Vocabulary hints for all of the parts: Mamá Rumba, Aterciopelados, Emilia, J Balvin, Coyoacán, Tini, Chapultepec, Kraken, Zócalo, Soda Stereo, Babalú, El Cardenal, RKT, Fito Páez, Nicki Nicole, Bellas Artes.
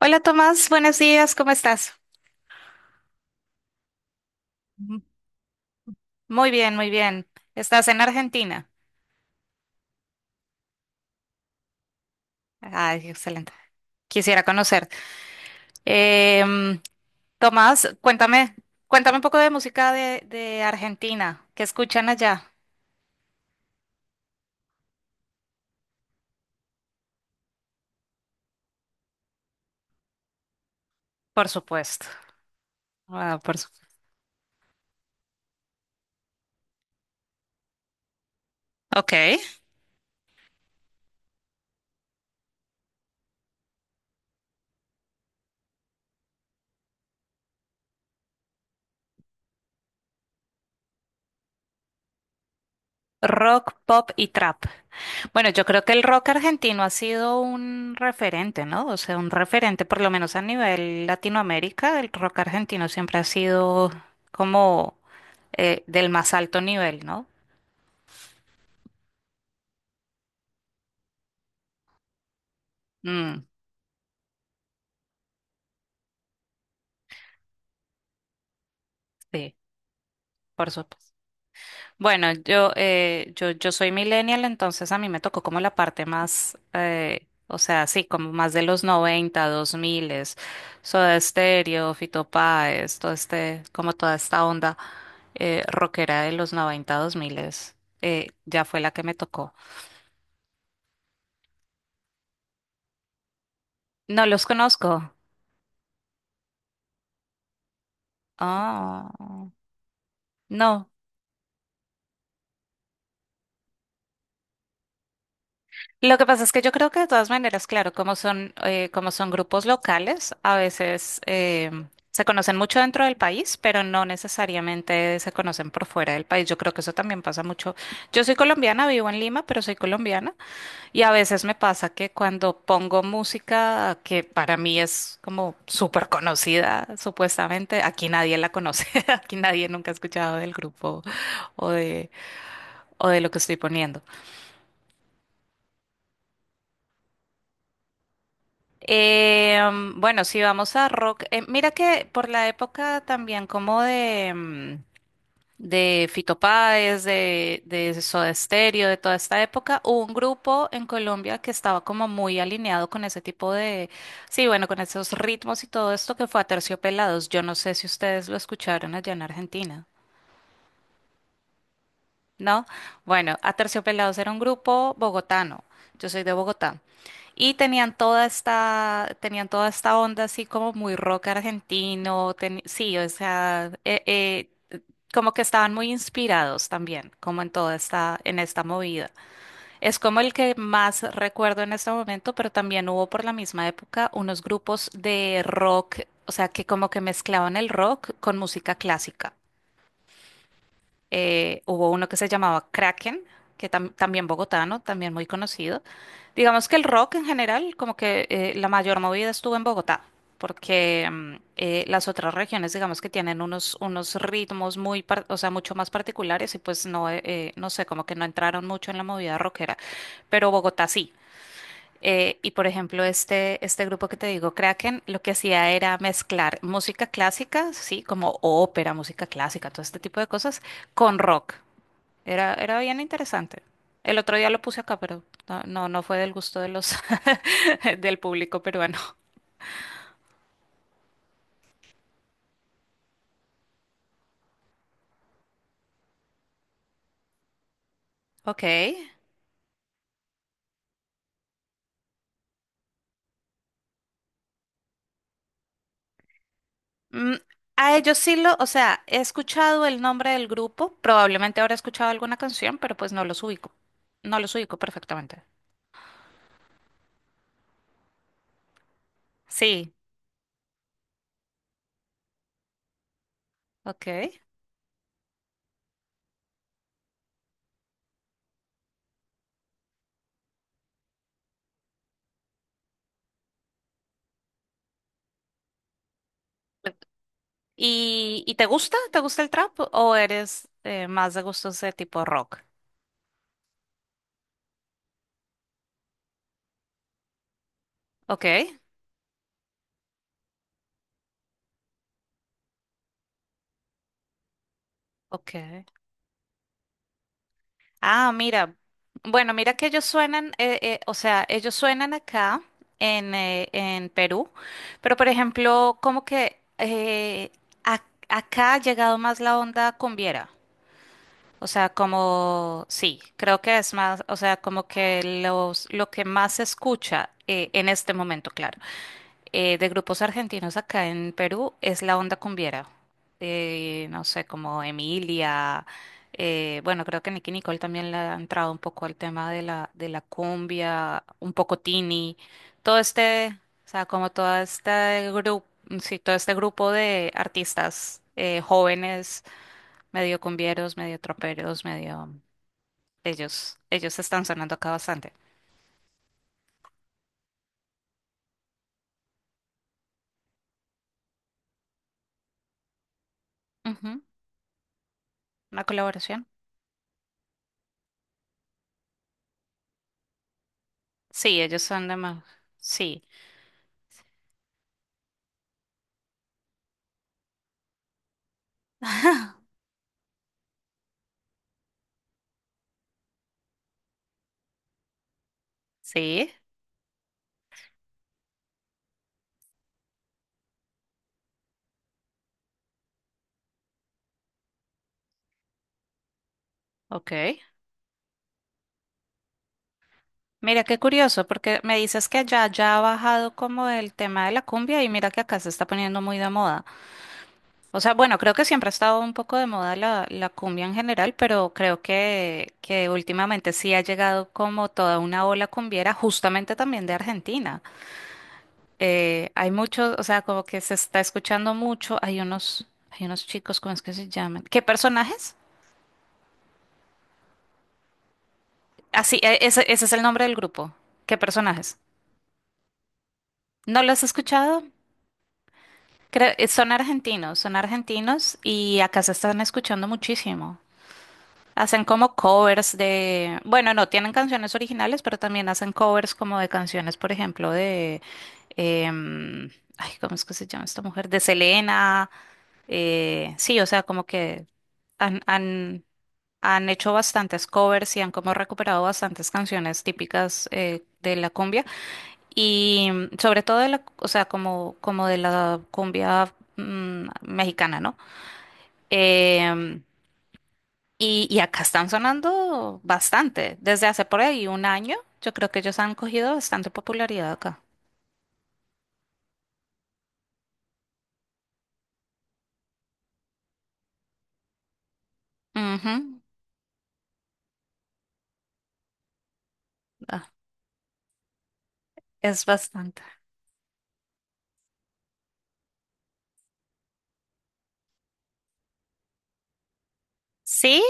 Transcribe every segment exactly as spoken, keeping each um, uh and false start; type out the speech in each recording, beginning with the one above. Hola Tomás, buenos días, ¿cómo estás? M- Muy bien, muy bien. ¿Estás en Argentina? Ay, excelente. Quisiera conocerte. Em, Tomás, cuéntame, cuéntame un poco de música de, de Argentina. ¿Qué escuchan allá? Por supuesto. Ah, por supuesto. Ok. Rock, pop y trap. Bueno, yo creo que el rock argentino ha sido un referente, ¿no? O sea, un referente, por lo menos a nivel Latinoamérica, el rock argentino siempre ha sido como eh, del más alto nivel, ¿no? Mm, sí, por supuesto. Bueno, yo, eh, yo, yo soy millennial, entonces a mí me tocó como la parte más, eh, o sea, sí, como más de los noventa dos 2000, Soda Stereo, Fito Páez, todo este, como toda esta onda eh, rockera de los noventa, dos mil, eh, ya fue la que me tocó. No los conozco. Ah, no, lo que pasa es que yo creo que de todas maneras, claro, como son, eh, como son grupos locales, a veces eh, se conocen mucho dentro del país, pero no necesariamente se conocen por fuera del país. Yo creo que eso también pasa mucho. Yo soy colombiana, vivo en Lima, pero soy colombiana y a veces me pasa que cuando pongo música que para mí es como súper conocida, supuestamente, aquí nadie la conoce, aquí nadie nunca ha escuchado del grupo o de, o de lo que estoy poniendo. Eh, mm, bueno, si vamos a rock, eh, mira que por la época también como de, mm, de Fito Páez, de, de Soda Stereo, de toda esta época, hubo un grupo en Colombia que estaba como muy alineado con ese tipo de, sí, bueno, con esos ritmos y todo esto que fue Aterciopelados. Yo no sé si ustedes lo escucharon allá en Argentina. ¿No? Bueno, Aterciopelados era un grupo bogotano. Yo soy de Bogotá. Y tenían toda esta, tenían toda esta onda así como muy rock argentino. teni- sí, o sea, eh, eh, como que estaban muy inspirados también, como en toda esta, en esta movida. Es como el que más recuerdo en este momento, pero también hubo por la misma época unos grupos de rock, o sea, que como que mezclaban el rock con música clásica eh, hubo uno que se llamaba Kraken, que tam- también bogotano, también muy conocido. Digamos que el rock en general, como que eh, la mayor movida estuvo en Bogotá, porque mm, eh, las otras regiones, digamos que tienen unos, unos ritmos muy, par- o sea, mucho más particulares y pues no, eh, eh, no sé, como que no entraron mucho en la movida rockera, pero Bogotá sí. Eh, y por ejemplo, este, este grupo que te digo, Kraken, lo que hacía era mezclar música clásica, sí, como ópera, música clásica, todo este tipo de cosas, con rock. Era, era bien interesante. El otro día lo puse acá, pero no, no, no fue del gusto de los del público peruano. Ok. Mm, a ellos sí lo, o sea, he escuchado el nombre del grupo, probablemente habré escuchado alguna canción, pero pues no los ubico. No los ubico perfectamente. Sí, ok. ¿Y, y te gusta? ¿Te gusta el trap o eres eh, más de gustos de tipo rock? Ok, ok. Ah, mira. Bueno, mira que ellos suenan, eh, eh, o sea, ellos suenan acá en, eh, en Perú, pero por ejemplo, como que eh, ac- acá ha llegado más la onda cumbiera. O sea, como, sí, creo que es más, o sea, como que los, lo que más se escucha eh, en este momento, claro. Eh, de grupos argentinos acá en Perú es la onda cumbiera. Eh, no sé, como Emilia. Eh, bueno, creo que Nicki Nicole también le ha entrado un poco al tema de la, de la, cumbia, un poco Tini. Todo este, o sea, como todo este grupo, sí, todo este grupo de artistas eh, jóvenes, medio cumbieros, medio troperos, medio. Ellos, ellos están sonando acá bastante. Ujú. Una colaboración. Sí, ellos son de más. Sí, sí. Ok. Mira qué curioso, porque me dices que allá ya ha bajado como el tema de la cumbia y mira que acá se está poniendo muy de moda. O sea, bueno, creo que siempre ha estado un poco de moda la, la cumbia en general, pero creo que, que últimamente sí ha llegado como toda una ola cumbiera, justamente también de Argentina. Eh, hay muchos, o sea, como que se está escuchando mucho, hay unos, hay unos chicos, ¿cómo es que se llaman? ¿Qué personajes? Así, ese, ese es el nombre del grupo. ¿Qué personajes? ¿No lo has escuchado? Creo- eh, son argentinos, son argentinos y acá se están escuchando muchísimo. Hacen como covers de, bueno, no tienen canciones originales, pero también hacen covers como de canciones, por ejemplo, de, em, ay, ¿cómo es que se llama esta mujer? De Selena. Eh, sí, o sea, como que han, han, han hecho bastantes covers y han como recuperado bastantes canciones típicas eh, de la cumbia. Y mm, sobre todo de la, o sea, como, como de la cumbia mm, mexicana, ¿no? Em, y, y acá están sonando bastante. Desde hace por ahí un año, yo creo que ellos han cogido bastante popularidad acá. Ujú, ah, es bastante. ¿Sí?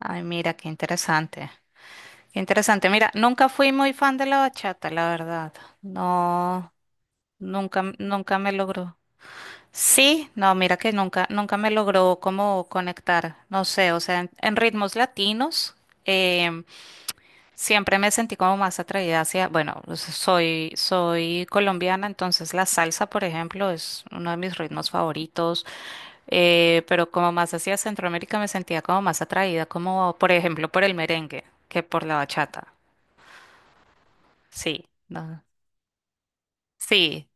Ay, mira, qué interesante. Qué interesante. Mira, nunca fui muy fan de la bachata, la verdad. No, nunca, nunca me logró. Sí, no, mira que nunca, nunca me logró como conectar, no sé, o sea, en, en ritmos latinos em, siempre me sentí como más atraída hacia, bueno, pues, soy, soy colombiana, entonces la salsa, por ejemplo, es uno de mis ritmos favoritos, eh, pero como más hacia Centroamérica me sentía como más atraída, como por ejemplo por el merengue que por la bachata, sí, no, sí.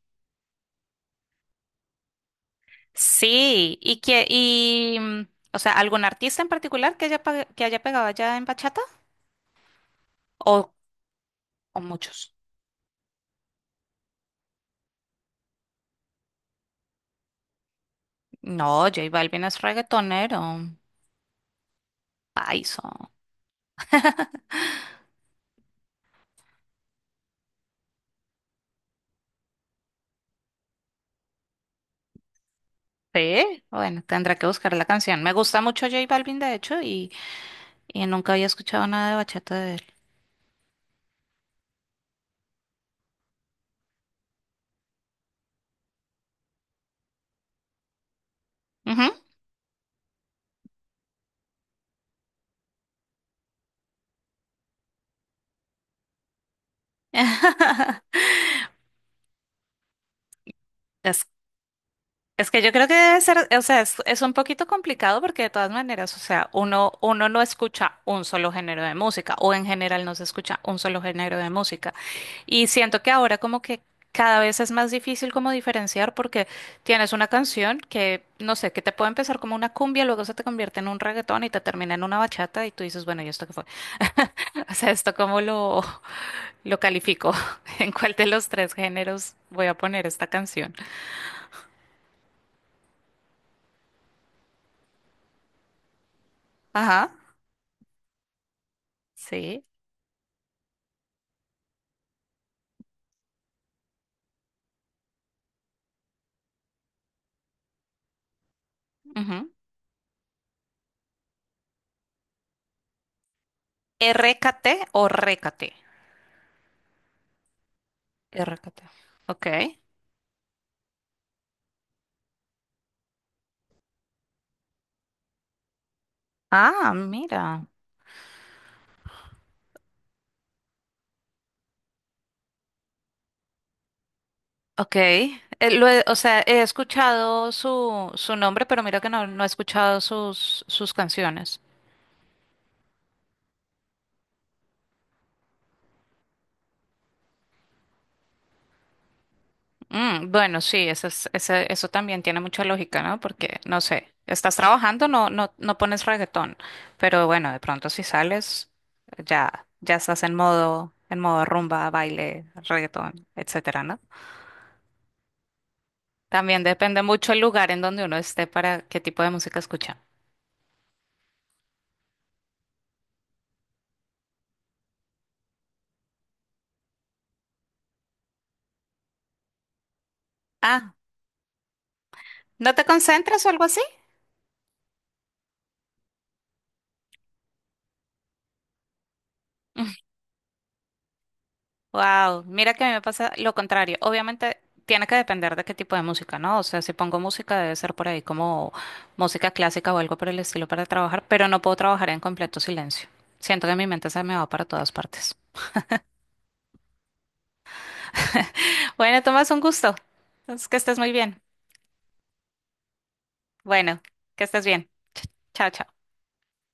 Sí, y que, y, mm, o sea, ¿algún artista en particular que haya, pa- que haya pegado allá en bachata? ¿O, o muchos? No, J Balvin es reggaetonero, paiso. Sí, bueno, tendrá que buscar la canción. Me gusta mucho J Balvin, de hecho, y, y, nunca había escuchado nada de bachata de él. Ujú. Es que yo creo que debe ser, o sea, es, es un poquito complicado porque de todas maneras, o sea, uno, uno no escucha un solo género de música o en general no se escucha un solo género de música. Y siento que ahora como que cada vez es más difícil como diferenciar porque tienes una canción que, no sé, que te puede empezar como una cumbia, luego se te convierte en un reggaetón y te termina en una bachata y tú dices, bueno, ¿y esto qué fue? O sea, ¿esto cómo lo, lo califico? ¿En cuál de los tres géneros voy a poner esta canción? Ajá, sí. Ujú. R K T o R K T. R K T. Ok. Ah, mira. Ok. Eh, lo he- o sea, he escuchado su, su nombre, pero mira que no, no he escuchado sus, sus canciones. Mm, bueno, sí, eso es- ese- eso también tiene mucha lógica, ¿no? Porque, no sé, estás trabajando, no, no, no pones reggaetón, pero bueno, de pronto si sales, ya, ya estás en modo, en modo rumba, baile, reggaetón, etcétera, ¿no? También depende mucho el lugar en donde uno esté para qué tipo de música escucha. Ah, ¿no te concentras o algo así? Wow, mira que a mí me pasa lo contrario. Obviamente tiene que depender de qué tipo de música, ¿no? O sea, si pongo música debe ser por ahí como música clásica o algo por el estilo para trabajar, pero no puedo trabajar en completo silencio. Siento que mi mente se me va para todas partes. Bueno, Tomás, un gusto. Entonces, que estés muy bien. Bueno, que estés bien. Ch- Chao, chao.